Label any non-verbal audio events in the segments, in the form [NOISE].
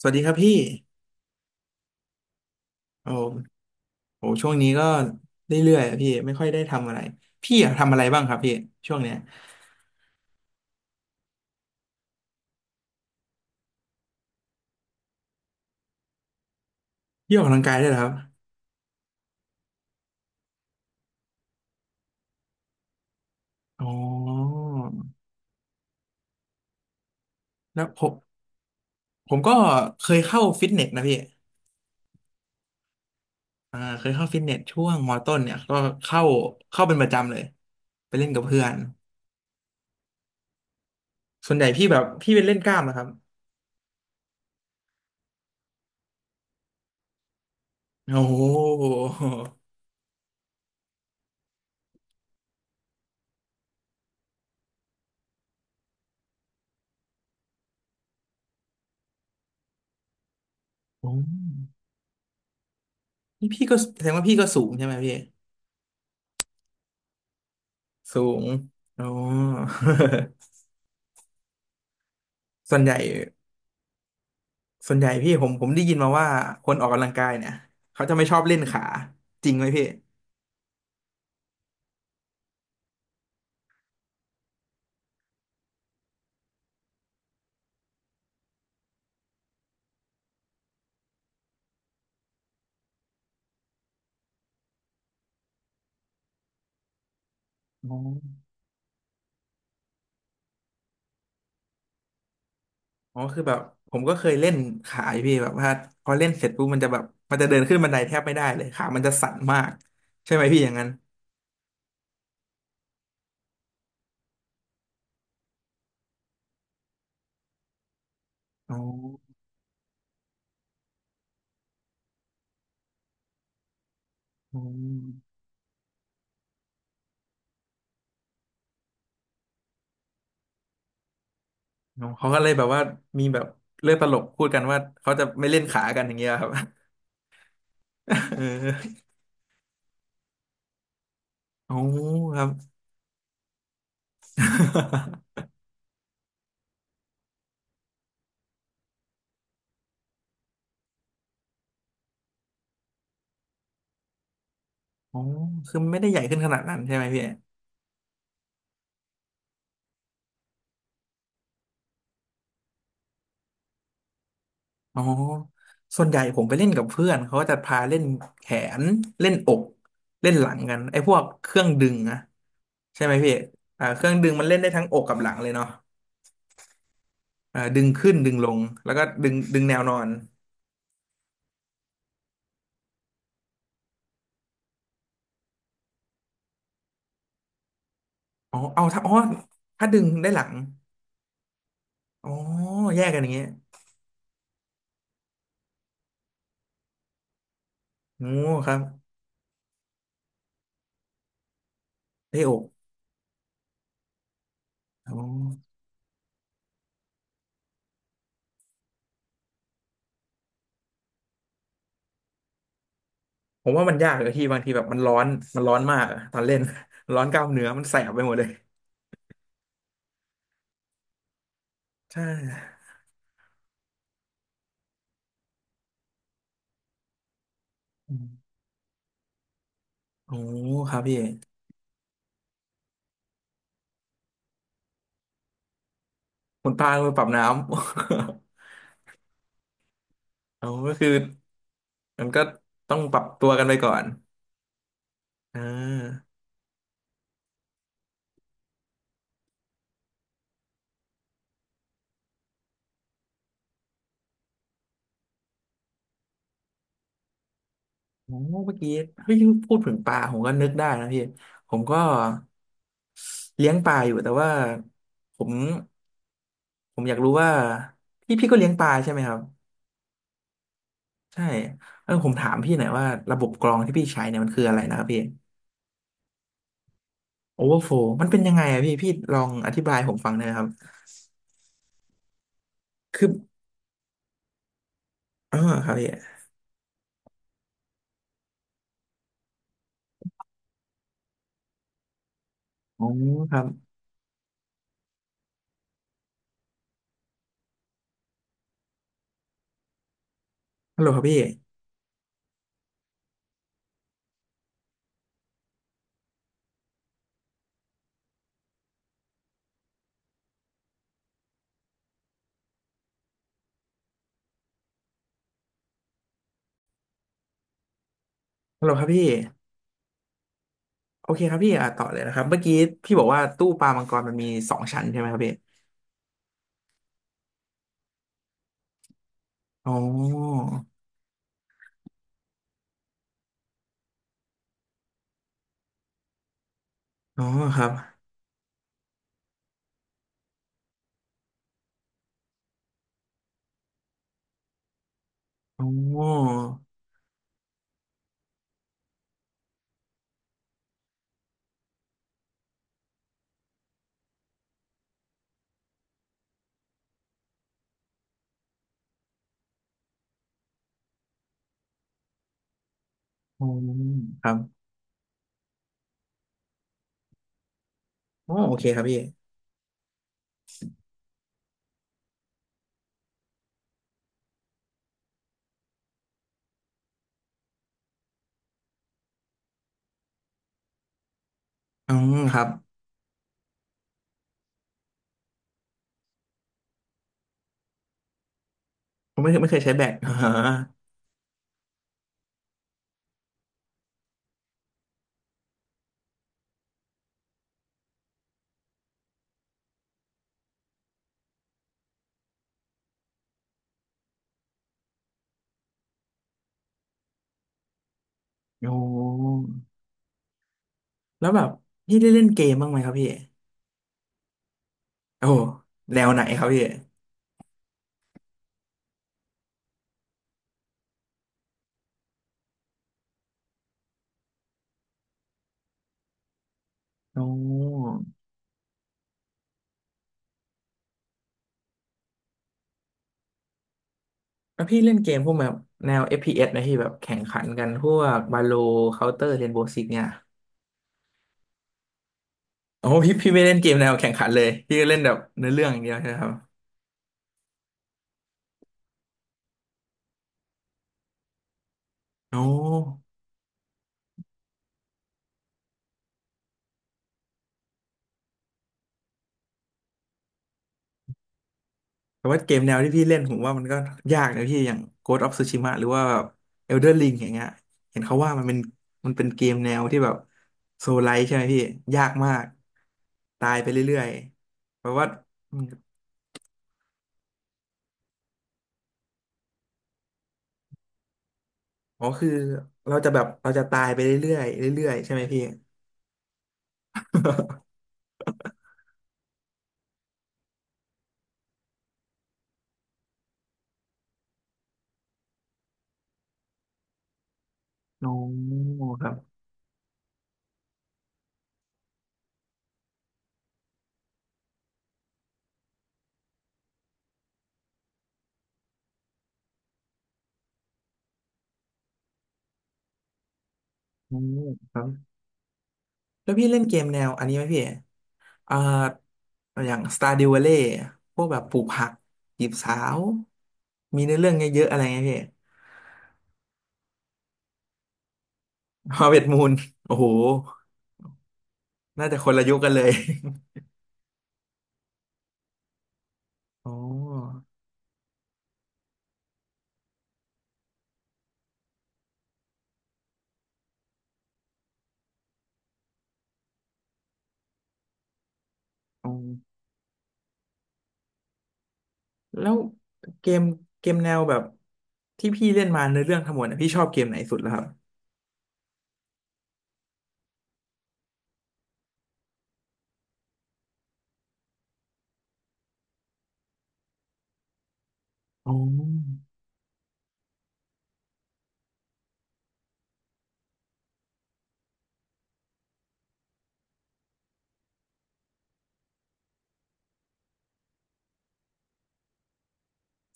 สวัสดีครับพี่ โอ้โหช่วงนี้ก็เรื่อยๆอะพี่ไม่ค่อยได้ทำอะไรพี่อะทำอะไรบ้างครับพี่ช่วงเนี้ยพี่ออกกำลังกายด้วยเหรอครับอ๋อแล้วผมก็เคยเข้าฟิตเนสนะพี่อ่าเคยเข้าฟิตเนสช่วงมต้นเนี่ยก็เข้าเข้าเป็นประจำเลยไปเล่นกับเพื่อนส่วนใหญ่พี่แบบพี่เป็นเล่นกล้ามนะครับโอ้โหโอ้นี่พี่ก็แสดงว่าพี่ก็สูงใช่ไหมพี่สูงอ๋อ [LAUGHS] ส่วนใหญ่ ส่วนใหญ่พี่ผมได้ยินมาว่าคนออกกำลังกายเนี่ยเขาจะไม่ชอบเล่นขาจริงไหมพี่อ๋ออ๋อคือแบบผมก็เคยเล่นขาอยู่พี่แบบว่าพอเล่นเสร็จปุ๊บมันจะแบบมันจะเดินขึ้นบันไดแทบไม่ได้เลยขามันจะสั่นมากใช่ไหมพี่อย่างนั้นอ๋ออ๋ออ๋อเขาก็เลยแบบว่ามีแบบเรื่องตลกพูดกันว่าเขาจะไม่เล่นขากันอย่างเงี้ยครับ [LAUGHS] เออ [LAUGHS] อ๋อครับ [LAUGHS] อ๋อคือไม่ได้ใหญ่ขึ้นขนาดนั้นใช่ไหมพี่ อ๋อส่วนใหญ่ผมไปเล่นกับเพื่อนเขาก็จะพาเล่นแขนเล่นอกเล่นหลังกันไอ้พวกเครื่องดึงนะใช่ไหมพี่อ่าเครื่องดึงมันเล่นได้ทั้งอกกับหลังเลยเนาะอ่าดึงขึ้นดึงลงแล้วก็ดึงแนวนอนอ๋อเอาถ้าอ๋อถ้าดึงได้หลังอ๋อแยกกันอย่างเงี้ยโอ้ครับได้อกอ๋อผมว่ามันยากเลยที่บางทีแบบมันร้อนมากอะตอนเล่น [LAUGHS] ร้อนกล้ามเนื้อมันแสบไปหมดเลยใช่อืมโอ้ครับพี่ คุณปลามือปรับน้ำ [LAUGHS] เอาก็คือมันก็ต้องปรับตัวกันไปก่อนอ่าโอ้เมื่อกี้พูดถึงปลาผมก็นึกได้นะพี่ผมก็เลี้ยงปลาอยู่แต่ว่าผมผมอยากรู้ว่าพี่ก็เลี้ยงปลาใช่ไหมครับใช่เออผมถามพี่หน่อยว่าระบบกรองที่พี่ใช้เนี่ยมันคืออะไรนะครับพี่โอเวอร์โฟมันเป็นยังไงอะพี่พี่ลองอธิบายให้ผมฟังหน่อยนะครับคืออ๋อครับพี่อ๋อครับฮัลโหลครับพี่ฮัลโหลครับพี่ โอเคครับพี่อ่ะต่อเลยนะครับเมื่อกี้พี่บอกว่าตู้ปลามังกรมันมีสองชั้นใช่ไหมครับพี่อ๋ออ๋อครับอ๋ออ๋อครับอ๋อโอเคครับพี่อ๋อครับผมไม่เคยใช้แบต [LAUGHS] อ๋อโอ้แล้วแบบพี่ได้เล่นเกมบ้างไหมครับพี่โอ้แนวไหนครับพี่โอ้แล้วพี่เล่นเกมพวกแบบแนว FPS นะพีเอสไหมพี่แบบแข่งขันกันพวกบาโลเคาน์เตอร์เรนโบว์ซิกเนี่ยโอ้พี่พี่ไม่เล่นเกมแนวแข่งขันเลยพี่ก็เล่นแบบเนื้อเรื่องอย่างเดียวใช่ไหมครับ โอ้แต่ว่าเกมแนวที่พี่เล่นผมว่ามันก็ยากนะพี่อย่าง Ghost of Tsushima หรือว่าแบบ Elden Ring อย่างเงี้ยเห็นเขาว่ามันเป็นเกมแนวที่แบบโซลไลท์ใช่ไหมพี่ยากมากตายไปเรื่อยๆแปลว่าอมอ๋อคือเราจะแบบเราจะตายไปเรื่อยๆเรื่อยๆใช่ไหมพี่โอ้ครับโอ้ครับแล้วพี่เล่นเกมแนวอันนี้ไหมพี่อ่าอย่าง Stardew Valley พวกแบบปลูกผักจีบสาวมีเนื้อเรื่องเยอะๆอะไรเงี้ยพี่ ฮาร์เวสต์มูนโอ้โหน่าจะคนละยุคกันเลย [LAUGHS] อ๋ออ๋อแล้วเกมเกมแนวแบบที่พี่เล่นมาในเรื่องทั้งหมดเนี่ยพี่ชอบเกมไหนสุดแล้วครับอ๋อ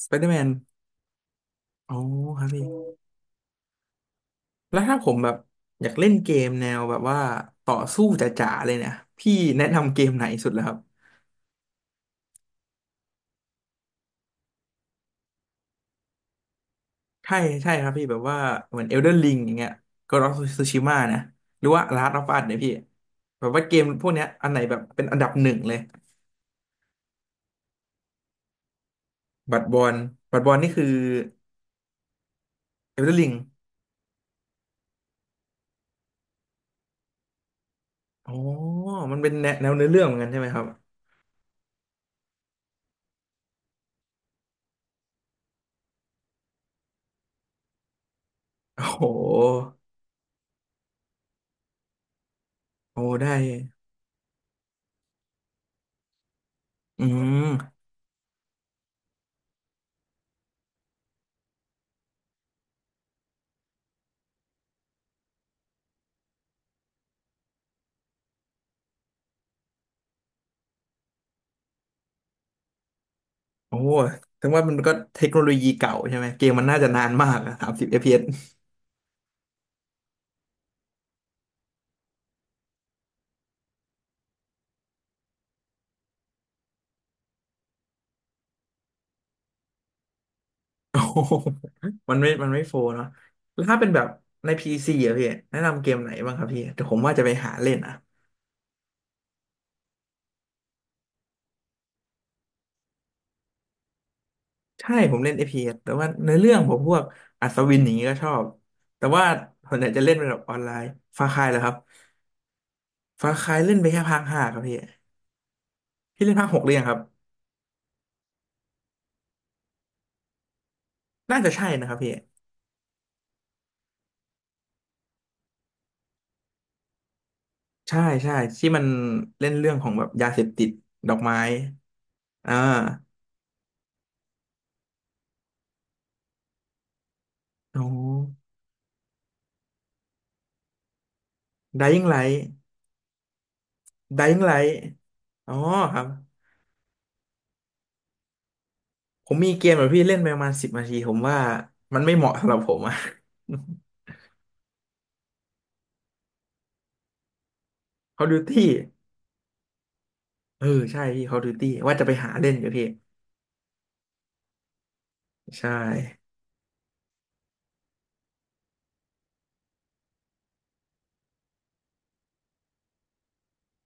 สไปเดอร์แมนอ๋อครับพี่แล้วถ้าผมแบบอยากเล่นเกมแนวแบบว่าต่อสู้จ๋าๆเลยเนี่ยพี่แนะนำเกมไหนสุดแล้วครับใช่ใช่ครับพี่แบบว่าเหมือน Elden Ring อย่างเงี้ย Ghost of Tsushima นะหรือว่า Last of Us เนี่ยพี่แบบว่าเกมพวกเนี้ยอันไหนแบบเป็นอันดับหนึ่งเลย บัตรบอลบัตรบอลนี่คือเอลเดอร์ลิงอ๋อมันเป็นแนวเนื้อเรื่องเหมือนกันใช่ไหมครับ โอ้โหโอ้ได้ อืม โอ้ถึงว่ามันก็เทคโนโลยีเก่าใช่ไหมเกมมันน่าจะนานมากอะ30 FPS โอ้โห [LAUGHS] มันไม่โฟร์เนาะแล้วถ้าเป็นแบบใน PC อะพี่แนะนำเกมไหนบ้างครับพี่แต่ผมว่าจะไปหาเล่นอะใช่ผมเล่น FPS แต่ว่าในอเรื่องผมพวกอัศวินอย่างนี้ก็ชอบแต่ว่าส่วนใหญ่จะเล่นเป็นแบบออนไลน์ฟาคายเหรอครับ ฟาคายเล่นไปแค่ภาค 5ครับพี่พี่เล่นภาค 6หรือยังครับ น่าจะใช่นะครับพี่ใช่ใช่ที่มันเล่นเรื่องของแบบยาเสพติดดอกไม้อ่าอ๋อ Dying Light Dying Light อ๋อครับ ผมมีเกมแบบพี่เล่นไปประมาณ10 นาทีผมว่ามันไม่เหมาะสำหรับผมอะ [LAUGHS] Call of Duty เออใช่พี่ Call of Duty ว่าจะไปหาเล่นอยู่พี่ใช่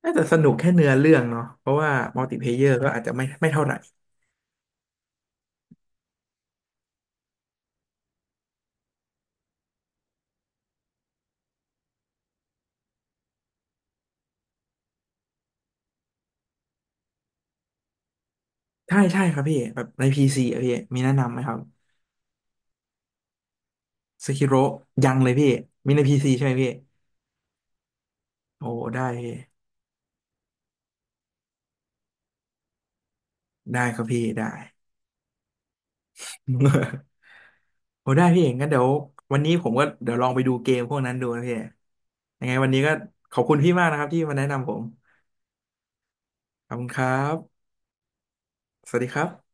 น่าจะสนุกแค่เนื้อเรื่องเนาะเพราะว่ามัลติเพลเยอร์ก็อาจจะไม่เท่าไหร่ ใช่ใช่ครับพี่แบบในพีซีอะพี่มีแนะนำไหมครับสคิโรยังเลยพี่มีในพีซีใช่ไหมพี่โอ้ได้พี่ได้ครับพี่ได้ [LAUGHS] โอ้ได้พี่เองงั้นเดี๋ยววันนี้ผมก็เดี๋ยวลองไปดูเกมพวกนั้นดูนะพี่ยังไงวันนี้ก็ขอบคุณพี่มากนะครับที่มาแนะนำผมขอบคุณครับสวัสดีครับ